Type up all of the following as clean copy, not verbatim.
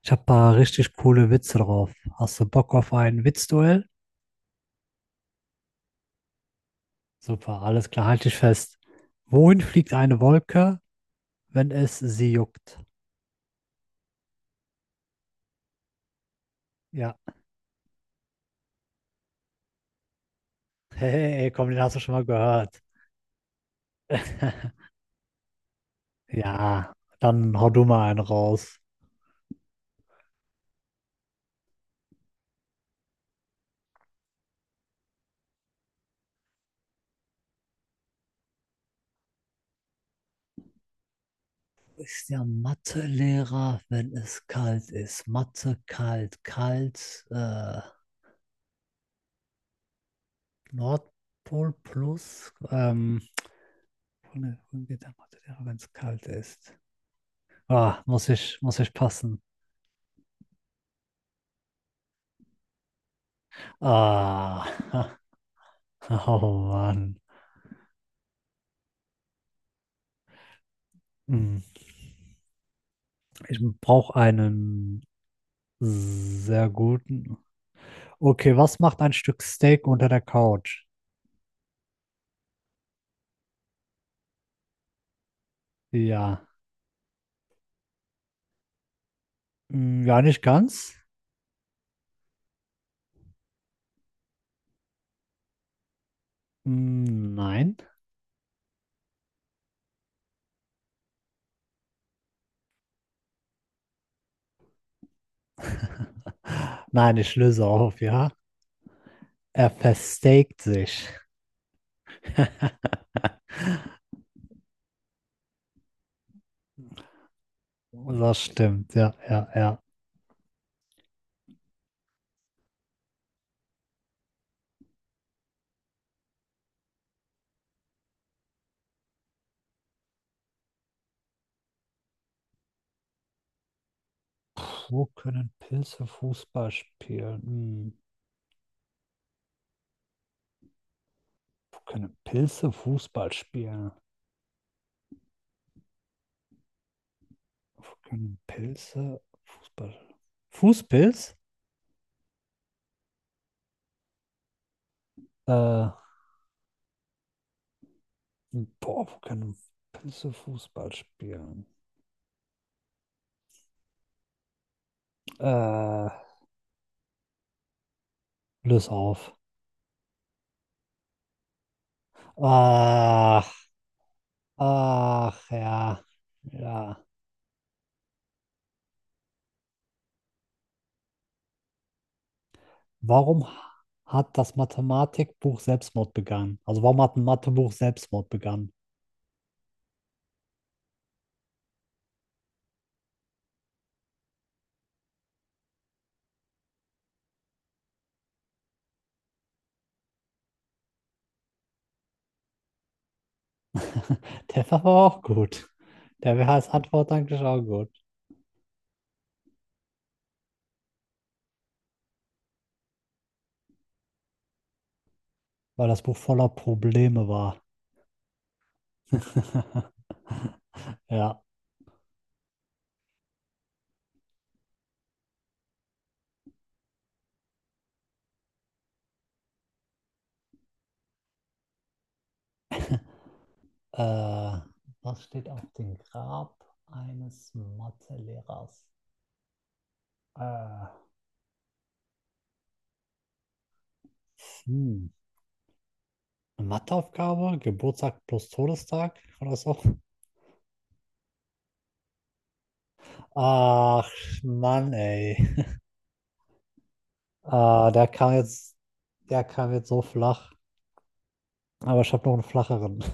Ich habe paar richtig coole Witze drauf. Hast du Bock auf ein Witzduell? Super, alles klar, halte dich fest. Wohin fliegt eine Wolke, wenn es sie juckt? Ja. Hey, komm, den hast du schon mal gehört. Ja, dann hau du mal einen raus. Ist der Mathelehrer, wenn es kalt ist? Mathe kalt, kalt, Nordpol plus, wohin geht der Mathelehrer, wenn es kalt ist? Ah, muss ich passen. Ah, oh Mann. Hm, ich brauche einen sehr guten. Okay, was macht ein Stück Steak unter der Couch? Ja, hm, ja, nicht ganz. Hm, nein. Nein, ich löse auf, ja. Er versteakt sich. Das stimmt, ja, ja, ja. Wo können Pilze Fußball spielen? Hm, wo können Pilze Fußball spielen? Wo können Pilze, Fußball, Fußpilz? Äh, boah, wo können Pilze Fußball spielen? Äh, löse auf. Ach, ach, ja, ja. Warum hat das Mathematikbuch Selbstmord begangen? Also warum hat ein Mathebuch Selbstmord begangen? Der war aber auch gut. Der wäre als Antwort eigentlich auch gut, weil das Buch voller Probleme war. Ja. Äh, was steht auf dem Grab eines Mathelehrers? Äh, hm. Eine Matheaufgabe, Geburtstag plus Todestag oder so. Ach, Mann, ey. Äh, der kam jetzt, der kam jetzt so flach. Aber ich habe noch einen flacheren.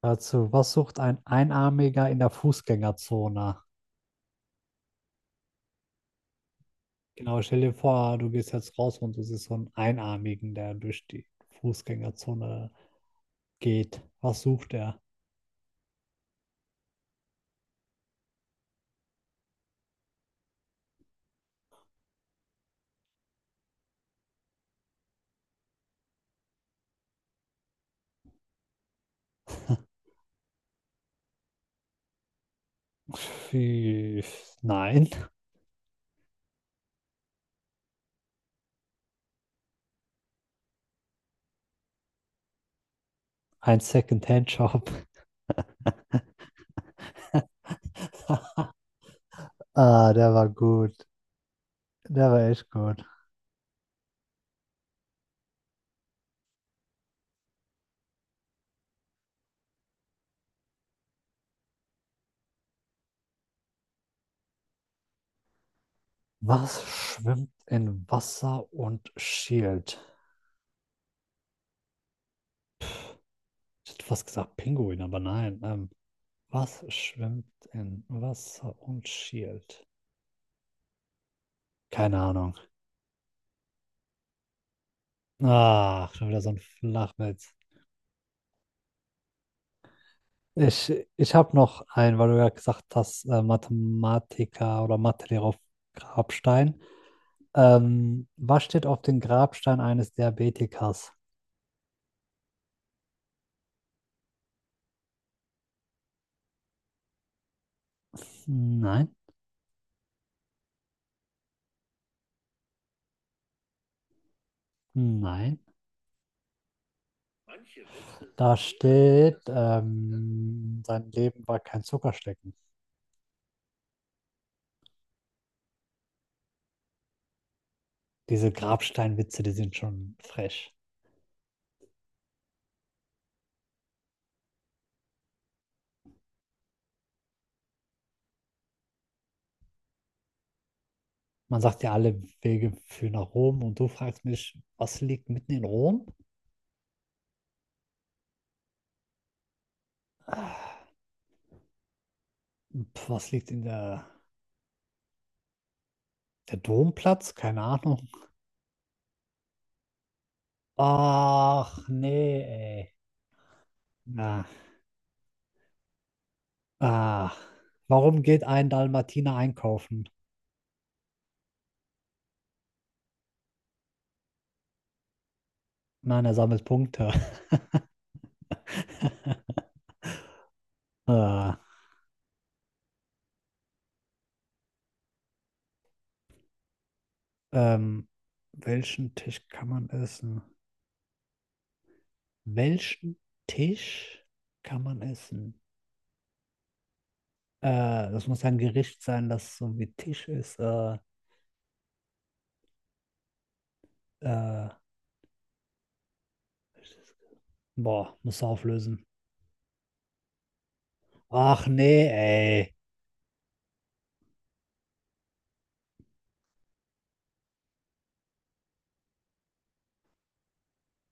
Dazu, was sucht ein Einarmiger in der Fußgängerzone? Genau, stell dir vor, du gehst jetzt raus und du siehst so einen Einarmigen, der durch die Fußgängerzone geht. Was sucht er? Nein, ein Second-Hand-Shop. Ah, der war gut. Der war echt gut. Was schwimmt in Wasser und schielt? Ich hätte fast gesagt Pinguin, aber nein. Was schwimmt in Wasser und schielt? Keine Ahnung. Ach, schon wieder so ein Flachwitz. Ich habe noch einen, weil du ja gesagt hast, Mathematiker oder Mathelehrer auf Grabstein. Was steht auf dem Grabstein eines Diabetikers? Nein, nein. Da steht, sein Leben war kein Zuckerschlecken. Diese Grabsteinwitze, die sind schon frech. Man sagt ja, alle Wege führen nach Rom und du fragst mich, was liegt mitten in Rom? Ah, pf, was liegt in der, der Domplatz? Keine Ahnung. Ach, nee, ey. Na, ah. Warum geht ein Dalmatiner einkaufen? Nein, er sammelt Punkte. Ah. Ähm, welchen Tisch kann man essen? Welchen Tisch kann man essen? Das muss ja ein Gericht sein, das so wie Tisch ist. Äh, boah, muss auflösen. Ach nee, ey.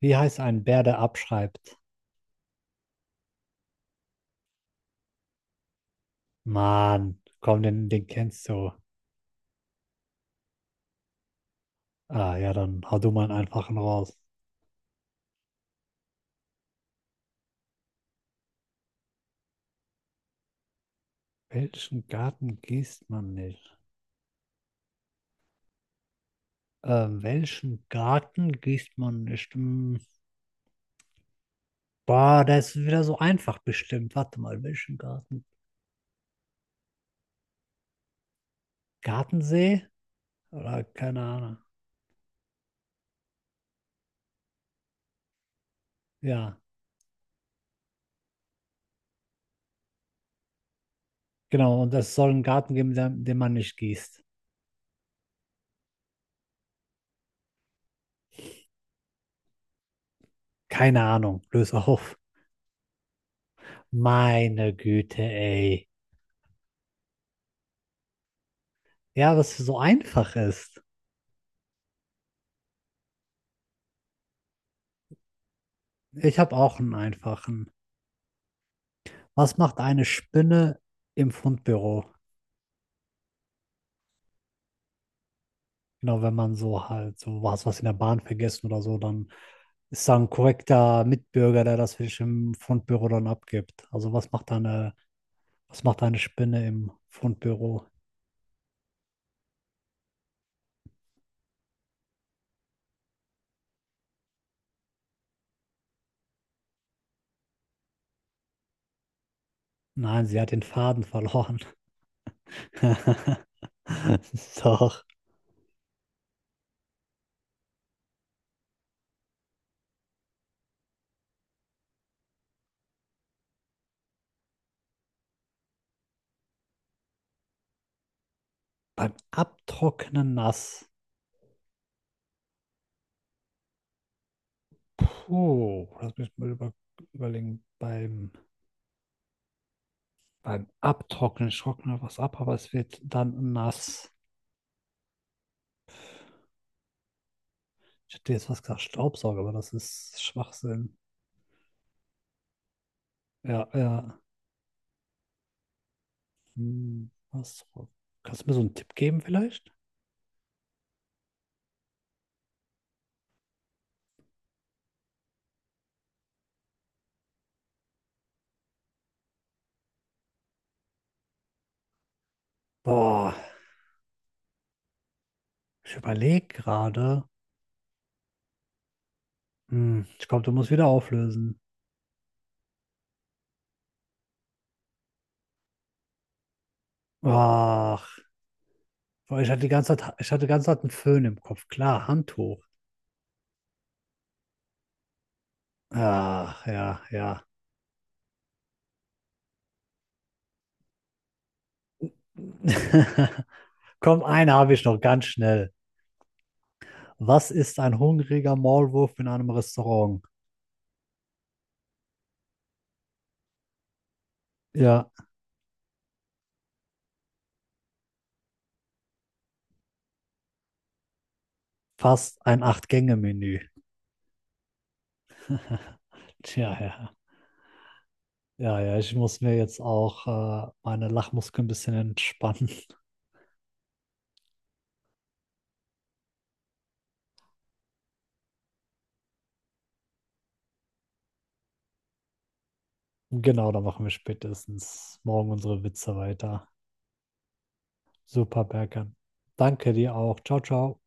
Wie heißt ein Bär, der abschreibt? Mann, komm, den kennst du. Ah ja, dann hau du mal einen einfachen raus. Welchen Garten gießt man nicht? Welchen Garten gießt man nicht? Hm. Boah, das ist wieder so einfach bestimmt. Warte mal, welchen Garten? Gartensee? Oder keine Ahnung. Ja, genau. Und es soll einen Garten geben, den man nicht gießt. Keine Ahnung. Löse auf. Meine Güte, ey. Ja, was so einfach ist. Ich habe auch einen einfachen. Was macht eine Spinne im Fundbüro? Genau, wenn man so halt so was, was in der Bahn vergessen oder so, dann ist da ein korrekter Mitbürger, der das für im Fundbüro dann abgibt. Was macht eine Spinne im Fundbüro? Nein, sie hat den Faden verloren. Doch. Beim Abtrocknen nass. Puh, das mich mal über, überlegen. Beim Abtrocknen, ich trockne was ab, aber es wird dann nass. Ich hätte jetzt was gesagt, Staubsauger, aber das ist Schwachsinn. Ja, ja. Hm, was? Kannst du mir so einen Tipp geben vielleicht? Boah, ich überlege gerade. Hm, ich glaube, du musst wieder auflösen. Ach, boah, ich hatte die ganze Zeit einen Föhn im Kopf. Klar, Handtuch. Ach, ja, ja. Komm, eine habe ich noch ganz schnell. Was ist ein hungriger Maulwurf in einem Restaurant? Ja, fast ein Acht-Gänge-Menü. Tja, ja. Ja, ja, ich muss mir jetzt auch meine Lachmuskeln ein bisschen entspannen. Genau, da machen wir spätestens morgen unsere Witze weiter. Super, Berkan. Danke dir auch. Ciao, ciao.